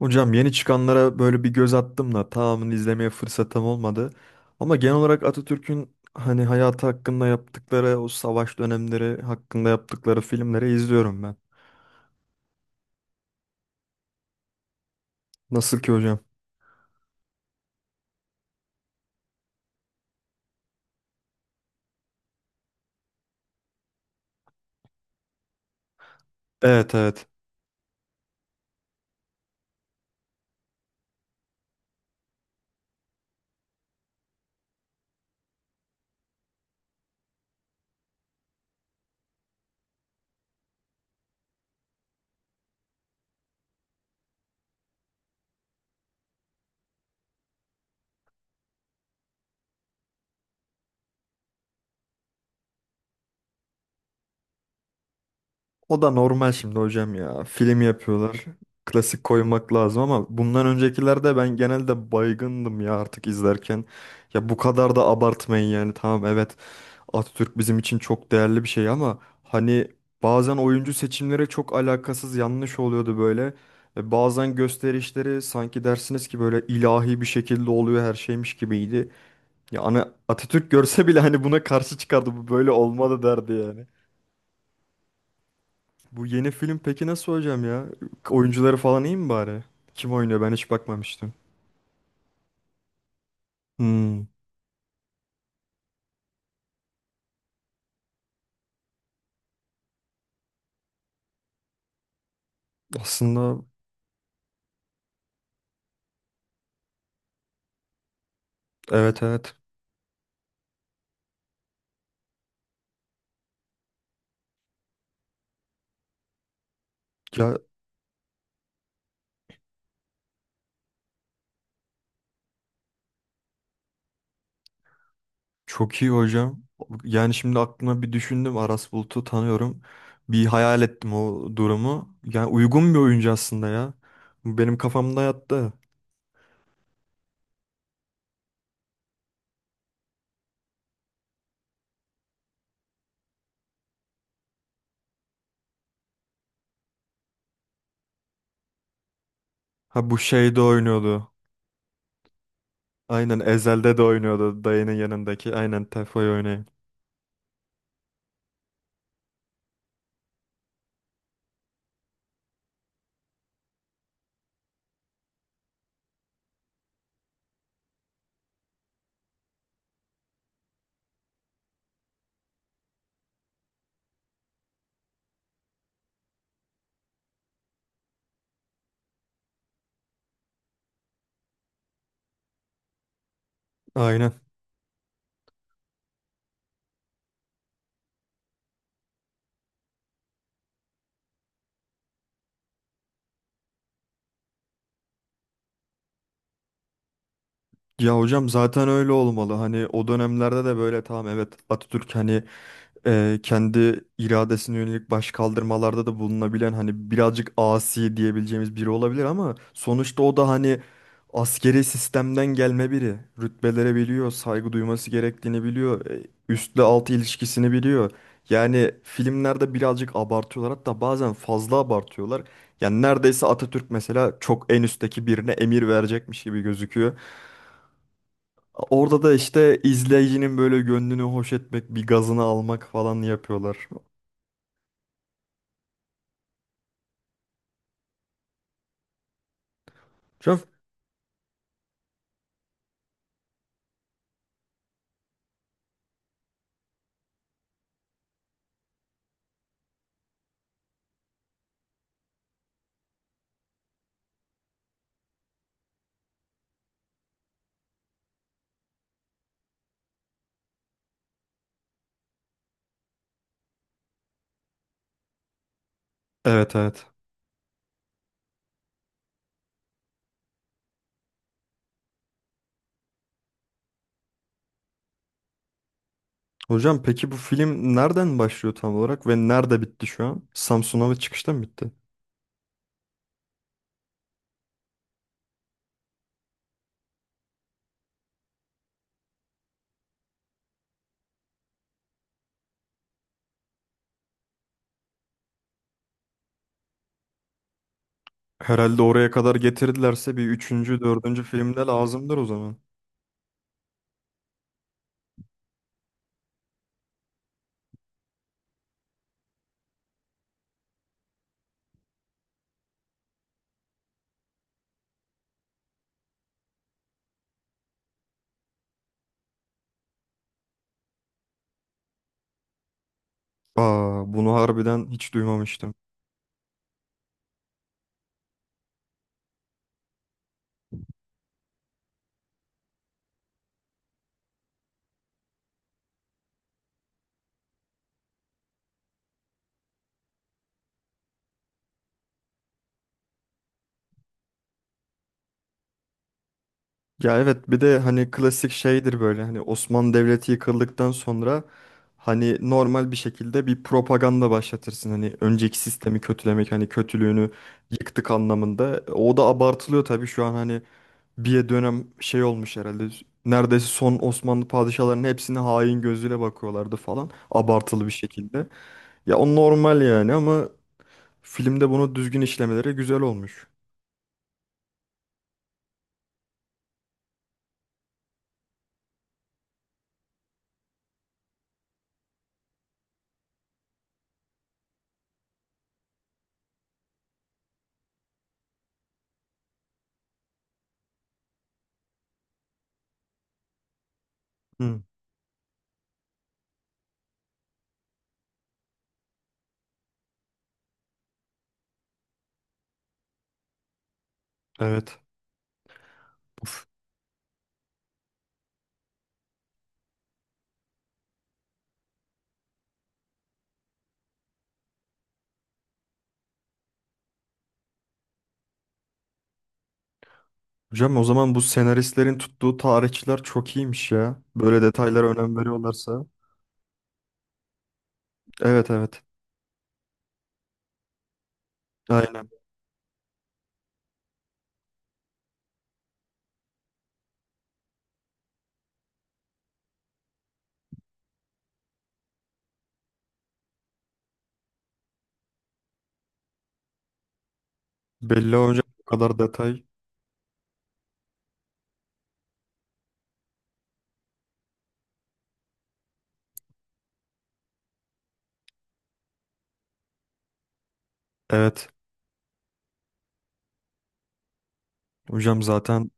Hocam yeni çıkanlara böyle bir göz attım da tamamını izlemeye fırsatım olmadı. Ama genel olarak Atatürk'ün hayatı hakkında yaptıkları, o savaş dönemleri hakkında yaptıkları filmleri izliyorum ben. Nasıl ki hocam? Evet, evet. O da normal şimdi hocam ya. Film yapıyorlar. Klasik koymak lazım ama bundan öncekilerde ben genelde baygındım ya artık izlerken. Ya bu kadar da abartmayın yani. Tamam, evet, Atatürk bizim için çok değerli bir şey ama hani bazen oyuncu seçimleri çok alakasız, yanlış oluyordu böyle. Bazen gösterişleri sanki dersiniz ki böyle ilahi bir şekilde oluyor her şeymiş gibiydi. Ya ana Atatürk görse bile hani buna karşı çıkardı, bu böyle olmadı derdi yani. Bu yeni film peki nasıl hocam ya? Oyuncuları falan iyi mi bari? Kim oynuyor, ben hiç bakmamıştım. Hmm, aslında evet, evet. Ya çok iyi hocam. Yani şimdi aklıma bir düşündüm. Aras Bulut'u tanıyorum. Bir hayal ettim o durumu. Yani uygun bir oyuncu aslında ya. Bu benim kafamda yattı. Ha bu şeyde oynuyordu. Aynen, Ezel'de de oynuyordu dayının yanındaki. Aynen, Tefo'yu oynayan. Aynen. Ya hocam zaten öyle olmalı. Hani o dönemlerde de böyle, tamam, evet, Atatürk hani kendi iradesine yönelik başkaldırmalarda da bulunabilen hani birazcık asi diyebileceğimiz biri olabilir ama sonuçta o da hani askeri sistemden gelme biri. Rütbelere biliyor, saygı duyması gerektiğini biliyor, üstle altı ilişkisini biliyor. Yani filmlerde birazcık abartıyorlar, hatta bazen fazla abartıyorlar. Yani neredeyse Atatürk mesela çok en üstteki birine emir verecekmiş gibi gözüküyor. Orada da işte izleyicinin böyle gönlünü hoş etmek, bir gazını almak falan yapıyorlar. Hocam, evet, evet. Hocam peki bu film nereden başlıyor tam olarak ve nerede bitti şu an? Samsun'a ve çıkışta mı bitti? Herhalde oraya kadar getirdilerse bir üçüncü, dördüncü filmde lazımdır o zaman. Aa, bunu harbiden hiç duymamıştım. Ya evet, bir de hani klasik şeydir böyle, hani Osmanlı Devleti yıkıldıktan sonra hani normal bir şekilde bir propaganda başlatırsın. Hani önceki sistemi kötülemek, hani kötülüğünü yıktık anlamında. O da abartılıyor tabii şu an, hani bir dönem şey olmuş herhalde. Neredeyse son Osmanlı padişahlarının hepsine hain gözüyle bakıyorlardı falan. Abartılı bir şekilde. Ya o normal yani ama filmde bunu düzgün işlemeleri güzel olmuş. Hı, evet. Uf. Hocam o zaman bu senaristlerin tuttuğu tarihçiler çok iyiymiş ya. Böyle detaylara önem veriyorlarsa. Evet, evet. Aynen. Belli hocam bu kadar detay. Evet. Hocam zaten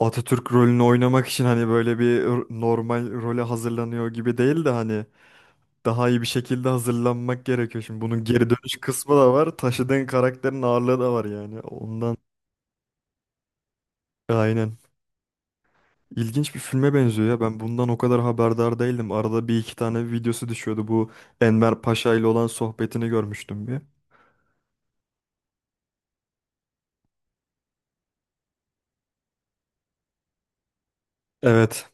Atatürk rolünü oynamak için hani böyle normal role hazırlanıyor gibi değil de hani daha iyi bir şekilde hazırlanmak gerekiyor. Şimdi bunun geri dönüş kısmı da var. Taşıdığın karakterin ağırlığı da var yani. Ondan aynen. İlginç bir filme benziyor ya. Ben bundan o kadar haberdar değildim. Arada bir iki tane videosu düşüyordu. Bu Enver Paşa ile olan sohbetini görmüştüm bir. Evet,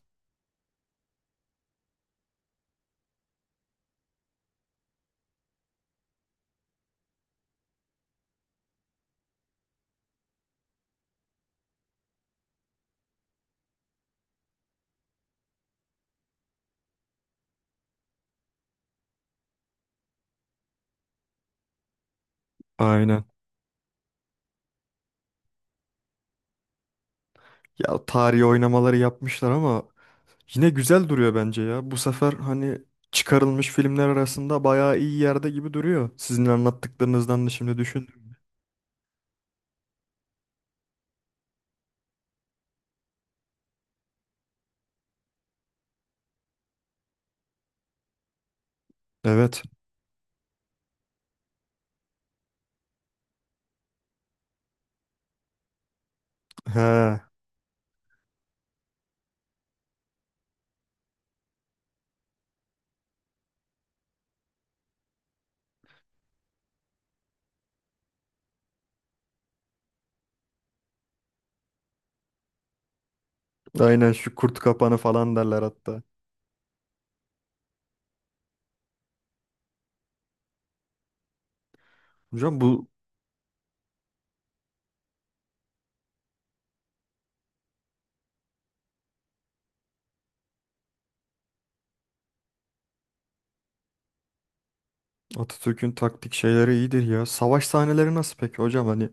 aynen. Ya tarihi oynamaları yapmışlar ama yine güzel duruyor bence ya. Bu sefer hani çıkarılmış filmler arasında bayağı iyi yerde gibi duruyor. Sizin anlattıklarınızdan da şimdi düşündüm. Evet. He. Aynen, şu kurt kapanı falan derler hatta. Hocam bu Atatürk'ün taktik şeyleri iyidir ya. Savaş sahneleri nasıl peki hocam? Hani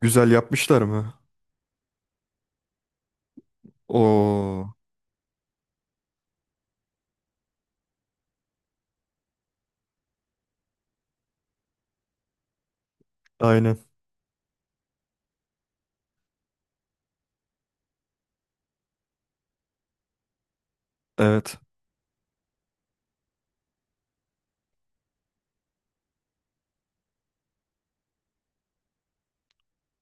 güzel yapmışlar mı? Oo. Aynen. Evet.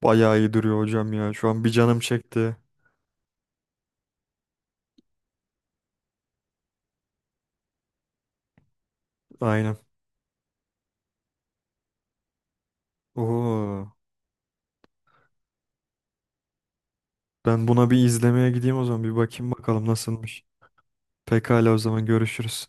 Bayağı iyi duruyor hocam ya. Şu an bir canım çekti. Aynen. Oo. Ben buna bir izlemeye gideyim o zaman. Bir bakayım bakalım nasılmış. Pekala o zaman görüşürüz.